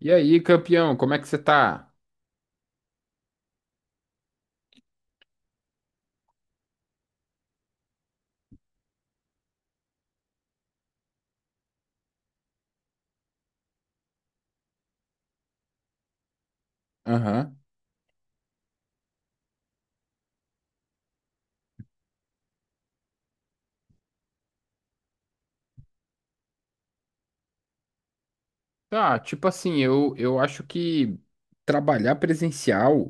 E aí, campeão, como é que você tá? Aham. Tá, tipo assim, eu acho que trabalhar presencial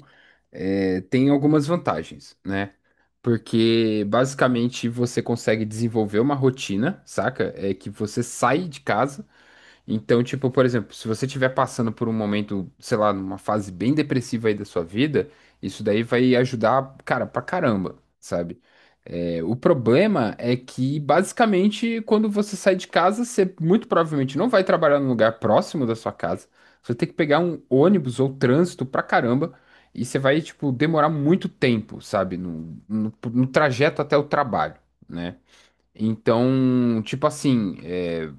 tem algumas vantagens, né? Porque basicamente você consegue desenvolver uma rotina, saca? É que você sai de casa. Então, tipo, por exemplo, se você estiver passando por um momento, sei lá, numa fase bem depressiva aí da sua vida, isso daí vai ajudar, cara, pra caramba, sabe? O problema é que, basicamente, quando você sai de casa, você muito provavelmente não vai trabalhar num lugar próximo da sua casa. Você vai ter que pegar um ônibus ou trânsito pra caramba e você vai, tipo, demorar muito tempo, sabe? No trajeto até o trabalho, né? Então, tipo assim,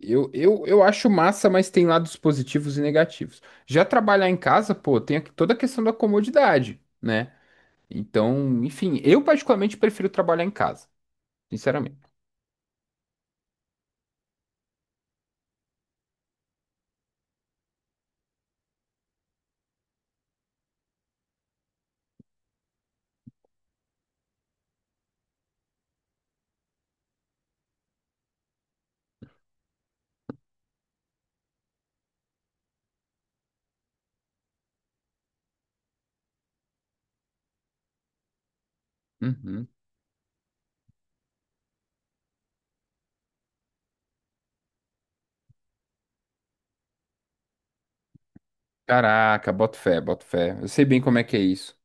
eu acho massa, mas tem lados positivos e negativos. Já trabalhar em casa, pô, toda a questão da comodidade, né? Então, enfim, eu particularmente prefiro trabalhar em casa, sinceramente. Uhum. Caraca, boto fé, boto fé. Eu sei bem como é que é isso.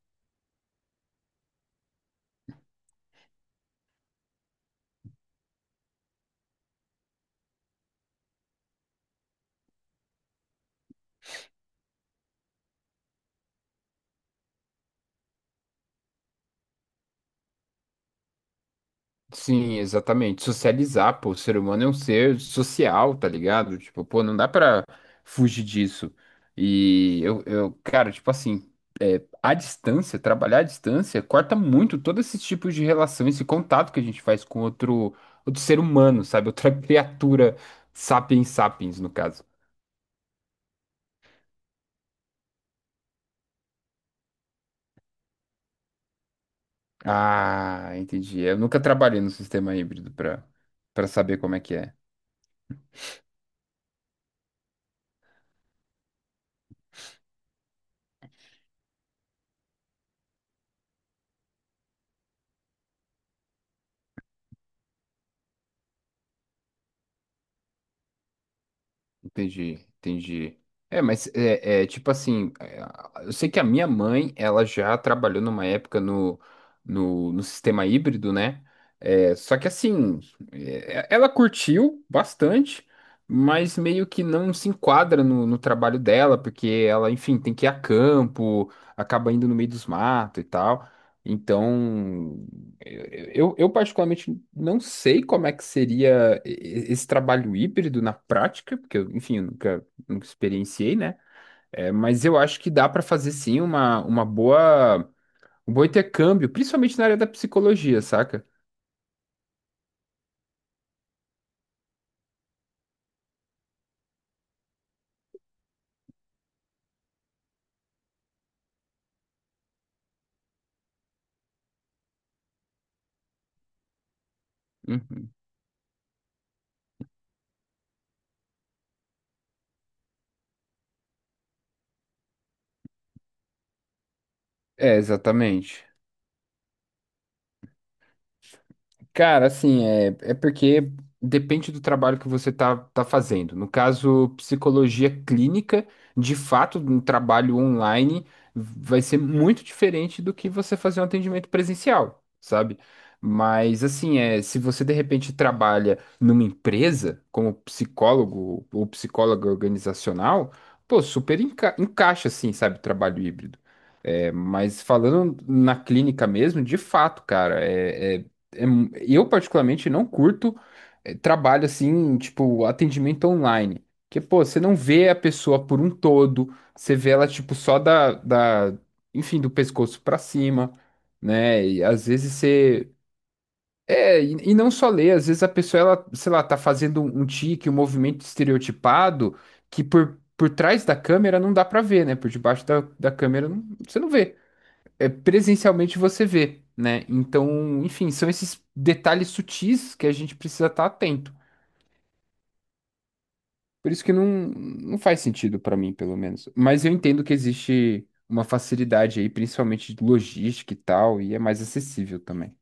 Sim, exatamente. Socializar, pô, o ser humano é um ser social, tá ligado? Tipo, pô, não dá pra fugir disso. E cara, tipo assim, à distância, trabalhar à distância, corta muito todos esses tipos de relação, esse contato que a gente faz com outro, outro ser humano, sabe? Outra criatura, sapiens sapiens, no caso. Ah, entendi. Eu nunca trabalhei no sistema híbrido para saber como é que é. Entendi, entendi. Tipo assim, eu sei que a minha mãe, ela já trabalhou numa época no sistema híbrido, né? Só que assim, ela curtiu bastante, mas meio que não se enquadra no trabalho dela, porque ela, enfim, tem que ir a campo, acaba indo no meio dos matos e tal. Então, eu particularmente não sei como é que seria esse trabalho híbrido na prática, porque, eu, enfim, eu nunca, nunca experienciei, né? É, mas eu acho que dá para fazer sim uma boa, um bom intercâmbio, principalmente na área da psicologia, saca? Uhum. É, exatamente. Cara, assim, é porque depende do trabalho que você tá fazendo. No caso, psicologia clínica, de fato, um trabalho online vai ser muito diferente do que você fazer um atendimento presencial, sabe? Mas, assim, é, se você de repente trabalha numa empresa como psicólogo ou psicóloga organizacional, pô, super encaixa, assim, sabe, trabalho híbrido. É, mas falando na clínica mesmo, de fato, cara, é eu particularmente não curto trabalho assim, tipo, atendimento online. Porque, pô, você não vê a pessoa por um todo, você vê ela, tipo, só enfim, do pescoço pra cima, né? E às vezes você. É, e não só ler às vezes a pessoa, ela, sei lá, tá fazendo um tique, um movimento estereotipado que por trás da câmera não dá pra ver, né? Por debaixo da câmera você não vê presencialmente você vê, né? Então, enfim, são esses detalhes sutis que a gente precisa estar atento. Por isso que não faz sentido para mim, pelo menos. Mas eu entendo que existe uma facilidade aí, principalmente de logística e tal, e é mais acessível também.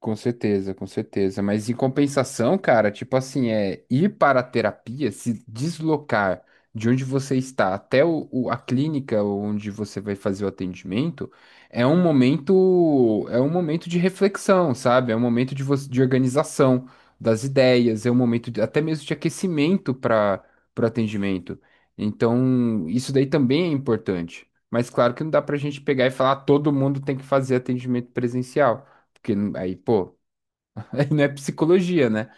Com certeza, com certeza. Mas em compensação, cara, tipo assim, é ir para a terapia, se deslocar de onde você está até a clínica onde você vai fazer o atendimento, é um momento de reflexão, sabe? É um momento de, você, de organização das ideias, é um momento até mesmo de aquecimento para o atendimento. Então, isso daí também é importante. Mas claro que não dá para a gente pegar e falar, "Ah, todo mundo tem que fazer atendimento presencial. Porque aí, pô, aí não é psicologia, né?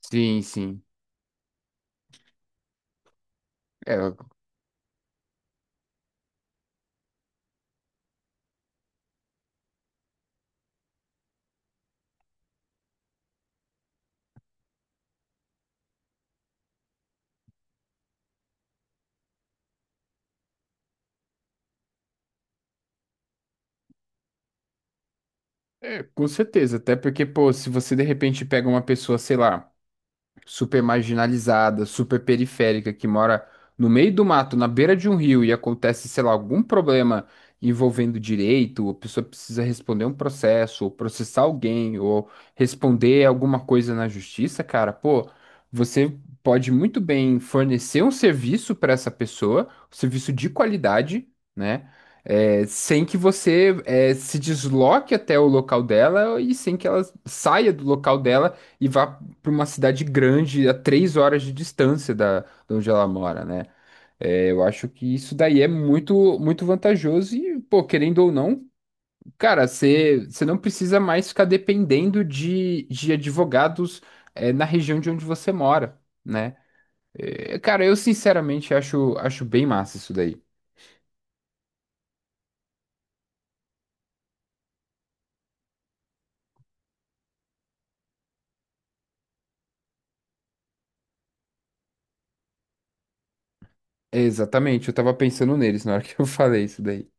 Sim, sim. É, com certeza. Até porque, pô, se você de repente pega uma pessoa, sei lá, super marginalizada, super periférica, que mora no meio do mato, na beira de um rio, e acontece, sei lá, algum problema envolvendo direito, ou a pessoa precisa responder um processo, ou processar alguém, ou responder alguma coisa na justiça, cara, pô, você pode muito bem fornecer um serviço para essa pessoa, um serviço de qualidade, né? Sem que você se desloque até o local dela e sem que ela saia do local dela e vá para uma cidade grande a 3 horas de distância de onde ela mora, né? É, eu acho que isso daí é muito, muito vantajoso e, pô, querendo ou não, cara, você não precisa mais ficar dependendo de advogados, na região de onde você mora, né? É, cara, eu sinceramente acho, acho bem massa isso daí. É, exatamente, eu tava pensando neles na hora que eu falei isso daí.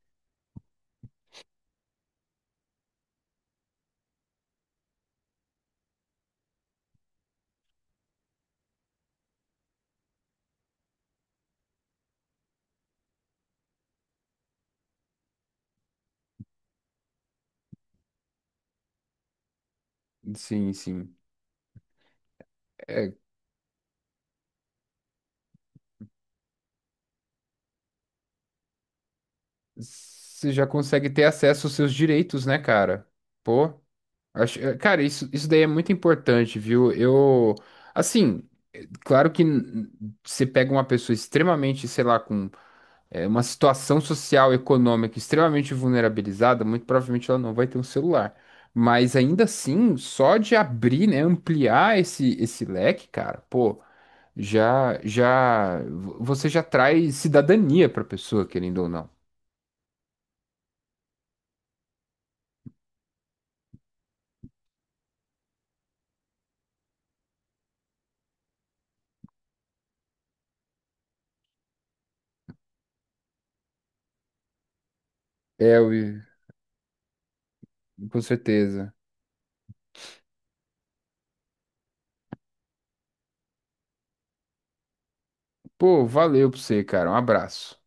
Sim, sim. É, você já consegue ter acesso aos seus direitos, né, cara? Pô. Acho, cara, isso daí é muito importante, viu? Eu, assim, claro que você pega uma pessoa extremamente, sei lá, com uma situação social, econômica extremamente vulnerabilizada, muito provavelmente ela não vai ter um celular. Mas ainda assim, só de abrir, né, ampliar esse leque, cara, pô, você já traz cidadania pra pessoa, querendo ou não. É, Will, com certeza. Pô, valeu pra você, cara. Um abraço.